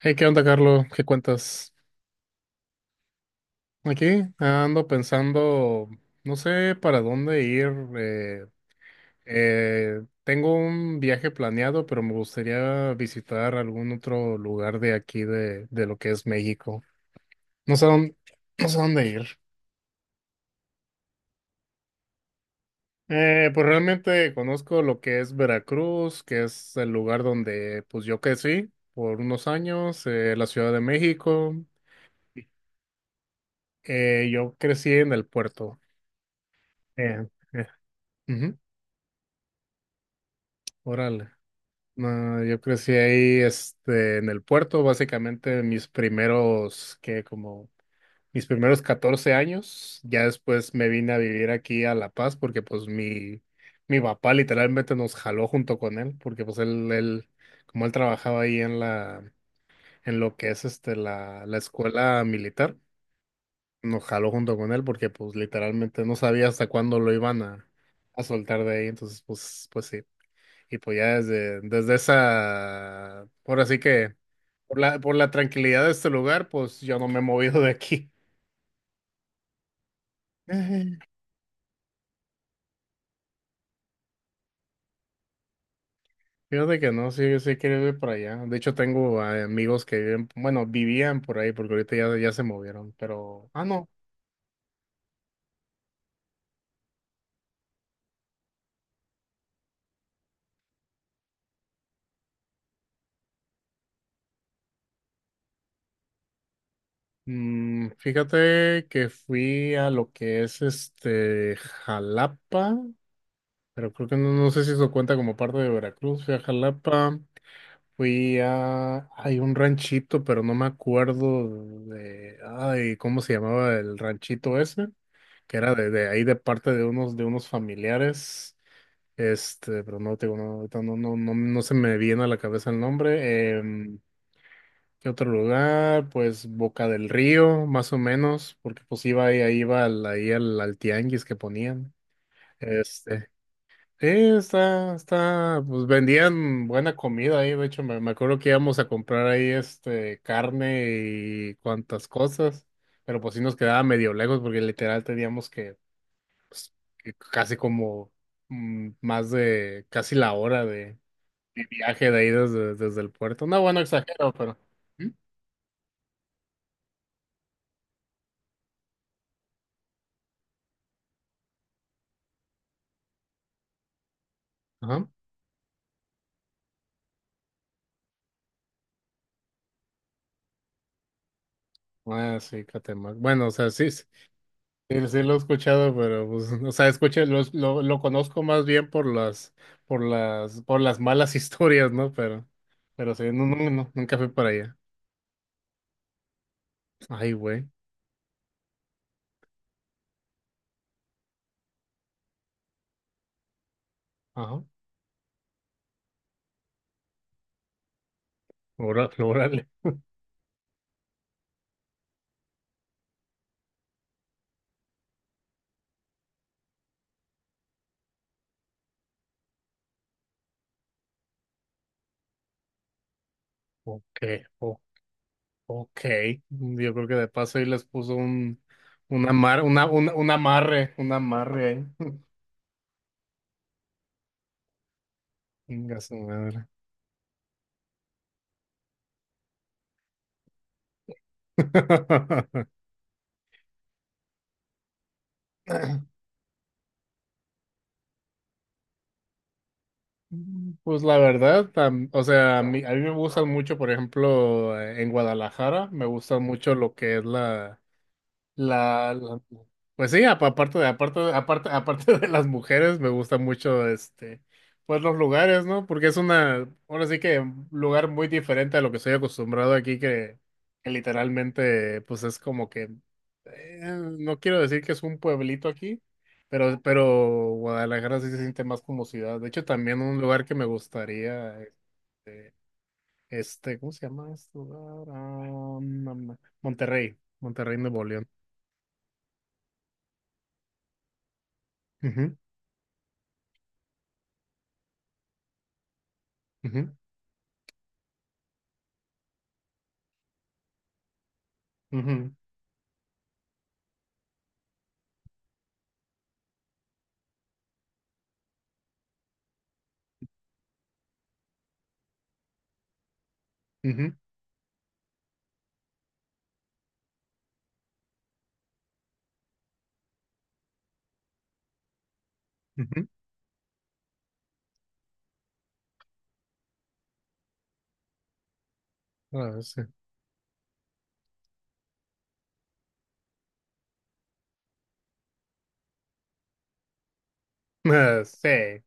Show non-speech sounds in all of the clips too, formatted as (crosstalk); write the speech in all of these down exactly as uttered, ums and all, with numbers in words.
Hey, ¿qué onda, Carlos? ¿Qué cuentas? Aquí ando pensando, no sé para dónde ir. eh, eh, tengo un viaje planeado, pero me gustaría visitar algún otro lugar de aquí, de, de lo que es México. No sé dónde, no sé dónde ir. Eh, pues realmente conozco lo que es Veracruz, que es el lugar donde pues yo crecí por unos años, eh, la Ciudad de México. Eh, yo crecí en el puerto. Eh, eh, ujú. Órale. No, yo crecí ahí, este, en el puerto, básicamente mis primeros, que como mis primeros catorce años. Ya después me vine a vivir aquí a La Paz porque pues mi, mi papá literalmente nos jaló junto con él, porque pues él, él, como él trabajaba ahí en la, en lo que es este, la, la escuela militar, nos jaló junto con él porque pues literalmente no sabía hasta cuándo lo iban a, a soltar de ahí. Entonces, pues, pues sí. Y pues ya desde, desde esa, por así que, por la, por la tranquilidad de este lugar, pues yo no me he movido de aquí. (laughs) Ujú. Fíjate que no, sí, sí quiero ir para allá. De hecho, tengo eh, amigos que viven, bueno, vivían por ahí, porque ahorita ya, ya se movieron, pero, ah, no. Mm, fíjate que fui a lo que es este Jalapa, pero creo que no, no sé si eso cuenta como parte de Veracruz. Fui a Jalapa. Fui a, hay un ranchito, pero no me acuerdo de, ay, ¿cómo se llamaba el ranchito ese? Que era de, de ahí de parte de unos, de unos familiares, este, pero no, te digo, no, ahorita no, no, no, no se me viene a la cabeza el nombre. Em, ¿qué otro lugar? Pues Boca del Río, más o menos, porque pues iba ahí, ahí iba al, ahí al, al tianguis que ponían. este Sí, está, está, pues vendían buena comida ahí, de hecho me, me acuerdo que íbamos a comprar ahí este carne y cuantas cosas, pero pues sí nos quedaba medio lejos porque literal teníamos que, pues, que casi como mm, más de casi la hora de, de viaje de ahí desde, desde el puerto. No, bueno, exagero, pero. ¿Mm? Ajá. Ah, sí, Catemaco. Bueno, o sea, sí, sí. Sí, sí lo he escuchado, pero pues, (laughs) o sea, escuché, lo, lo, lo conozco más bien por las, por las, por las malas (laughs) historias, ¿no? Pero, pero sí, no, no, no, nunca fui para allá. Ay, güey. Ajá. Ora- (laughs) Órale. Ok, o- ok. Yo creo que de paso ahí les puso un, un amar, una, una, un amarre, un amarre ahí. (laughs) Venga su madre. (laughs) Mm, Pues la verdad, tam- o sea, a mí, a mí me gustan mucho, por ejemplo, eh, en Guadalajara, me gusta mucho lo que es la, la, la- pues sí, apa- aparte de, aparte, aparte, aparte de las mujeres, me gusta mucho este, pues los lugares, ¿no? Porque es una, ahora sí que un lugar muy diferente a lo que estoy acostumbrado aquí, que, que literalmente, pues es como que, eh, no quiero decir que es un pueblito aquí, pero, pero Guadalajara sí se siente más como ciudad. De hecho, también un lugar que me gustaría, este, ¿cómo se llama este lugar? Ah, no, no, Monterrey, Monterrey, Nuevo León. Ujú, ujú. Ujú, ujú, ujú. Ah, sí. Ah, sí.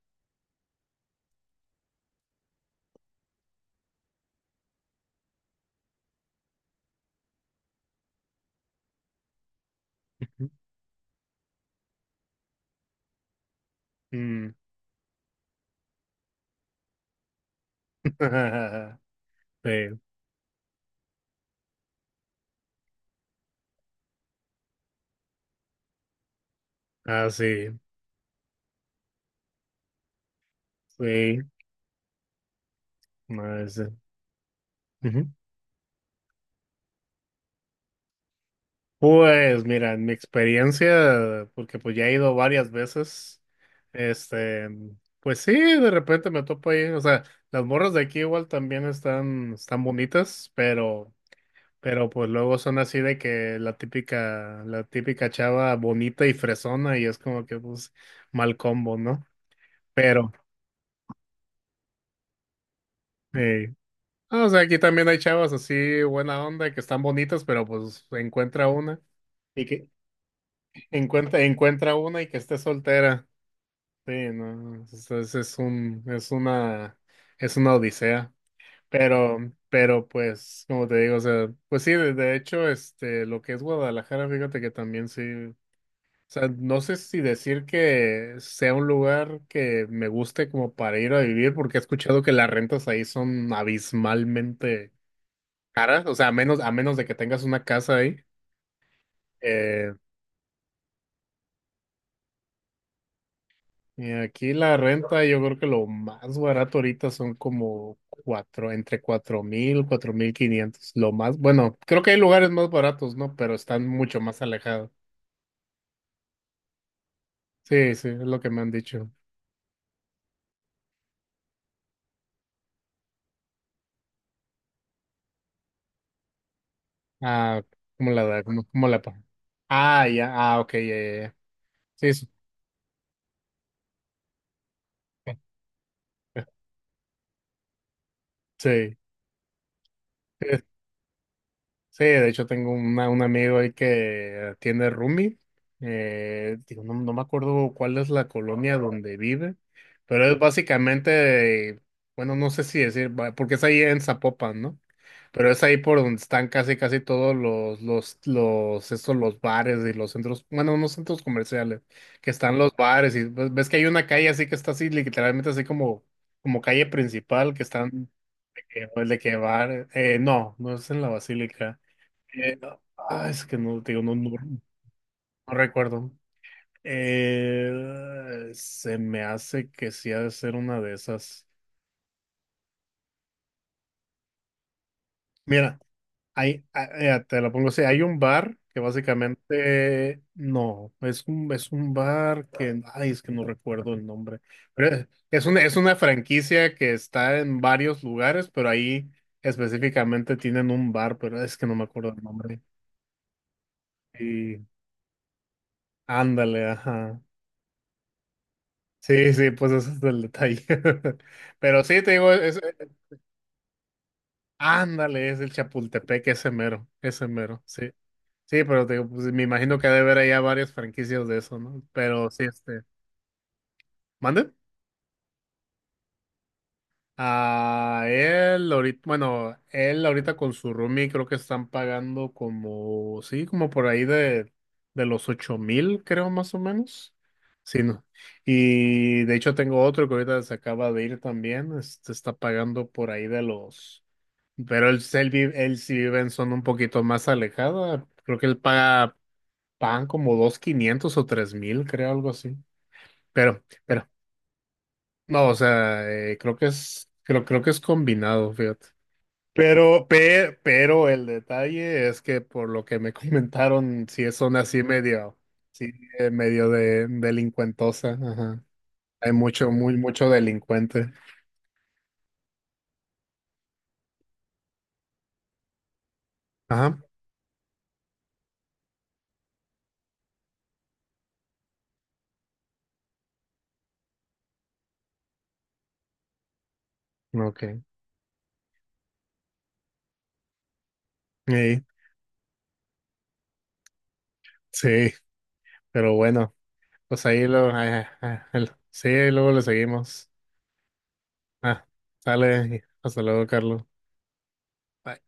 Mm. (laughs) Sí. Ah, sí. Sí. Ah, sí. Ujú. Pues mira, en mi experiencia, porque pues ya he ido varias veces, este, pues sí, de repente me topo ahí, o sea, las morras de aquí igual también están, están bonitas, pero, pero pues luego son así de que la típica, la típica chava bonita y fresona y es como que pues mal combo, ¿no? Pero, eh, ah, o sea, aquí también hay chavas así buena onda que están bonitas, pero pues encuentra una y que encuentra, encuentra una y que esté soltera. Sí, no, es, es- es un, es una, es una odisea. Pero, pero pues, como te digo, o sea, pues sí, de, de hecho, este, lo que es Guadalajara, fíjate que también sí. O sea, no sé si decir que sea un lugar que me guste como para ir a vivir, porque he escuchado que las rentas ahí son abismalmente caras, o sea, a menos, a menos de que tengas una casa ahí. Eh, y aquí la renta, yo creo que lo más barato ahorita son como cuatro, entre cuatro mil, cuatro mil quinientos. Lo más, bueno, creo que hay lugares más baratos, ¿no? Pero están mucho más alejados. Sí, sí, es lo que me han dicho. Ah, ¿cómo la da? ¿Cómo, cómo la paga? Ah, ya, ah, ok, ya, ya, ya. Sí, sí. (laughs) Sí. Sí, de hecho tengo una- un amigo ahí que tiene roomie. Eh, digo, no, no me acuerdo cuál es la colonia donde vive, pero es básicamente, bueno, no sé si decir, va- porque es ahí en Zapopan, ¿no? Pero es ahí por donde están casi, casi todos los, los, los, estos, los bares y los centros, bueno, unos centros comerciales, que están los bares y pues, ves que hay una calle así que está así, literalmente así como, como calle principal, que están, eh, pues, de que bar, eh, no, no es en la Basílica. Eh, ah, es que no, te digo, no, no, no recuerdo. Eh, se me hace que sí ha de ser una de esas. Mira, hay, ah, eh, te la pongo así, hay un bar que básicamente, no, es un, es un bar que, ay, es que no recuerdo el nombre. Pero es es una, es una franquicia que está en varios lugares, pero ahí específicamente tienen un bar, pero es que no me acuerdo el nombre. Y ándale, ajá. Sí, sí, pues ese es el detalle. (laughs) Pero sí, te digo, es, eh, ándale, es el Chapultepec, ese mero, ese mero, sí. Sí, pero te digo, pues me imagino que ha de haber allá varias franquicias de eso, ¿no? Pero sí, este, ¿mande? Ah, él ahorita, bueno, él ahorita con su roomie creo que están pagando como, sí, como por ahí de, de los ocho mil, creo, más o menos. Sí, ¿no? Y de hecho tengo otro que ahorita se acaba de ir también, este, está pagando por ahí de los. Pero él, él, vi- él sí vive en zona un poquito más alejada. Creo que él paga, pagan como dos quinientos o tres mil, creo, algo así. Pero, pero, no, o sea, eh, creo que es, creo, creo que es combinado, fíjate. Pero, pe- pero el detalle es que por lo que me (laughs) comentaron, sí es zona así medio, sí, eh, medio de delincuentosa, ajá. Hay mucho, muy, mucho delincuente. Ajá. Ok. Ey, sí, pero bueno. Pues ahí lo, ay, ay, ay, el- sí, luego le seguimos. Ah, sale, hasta luego, Carlos.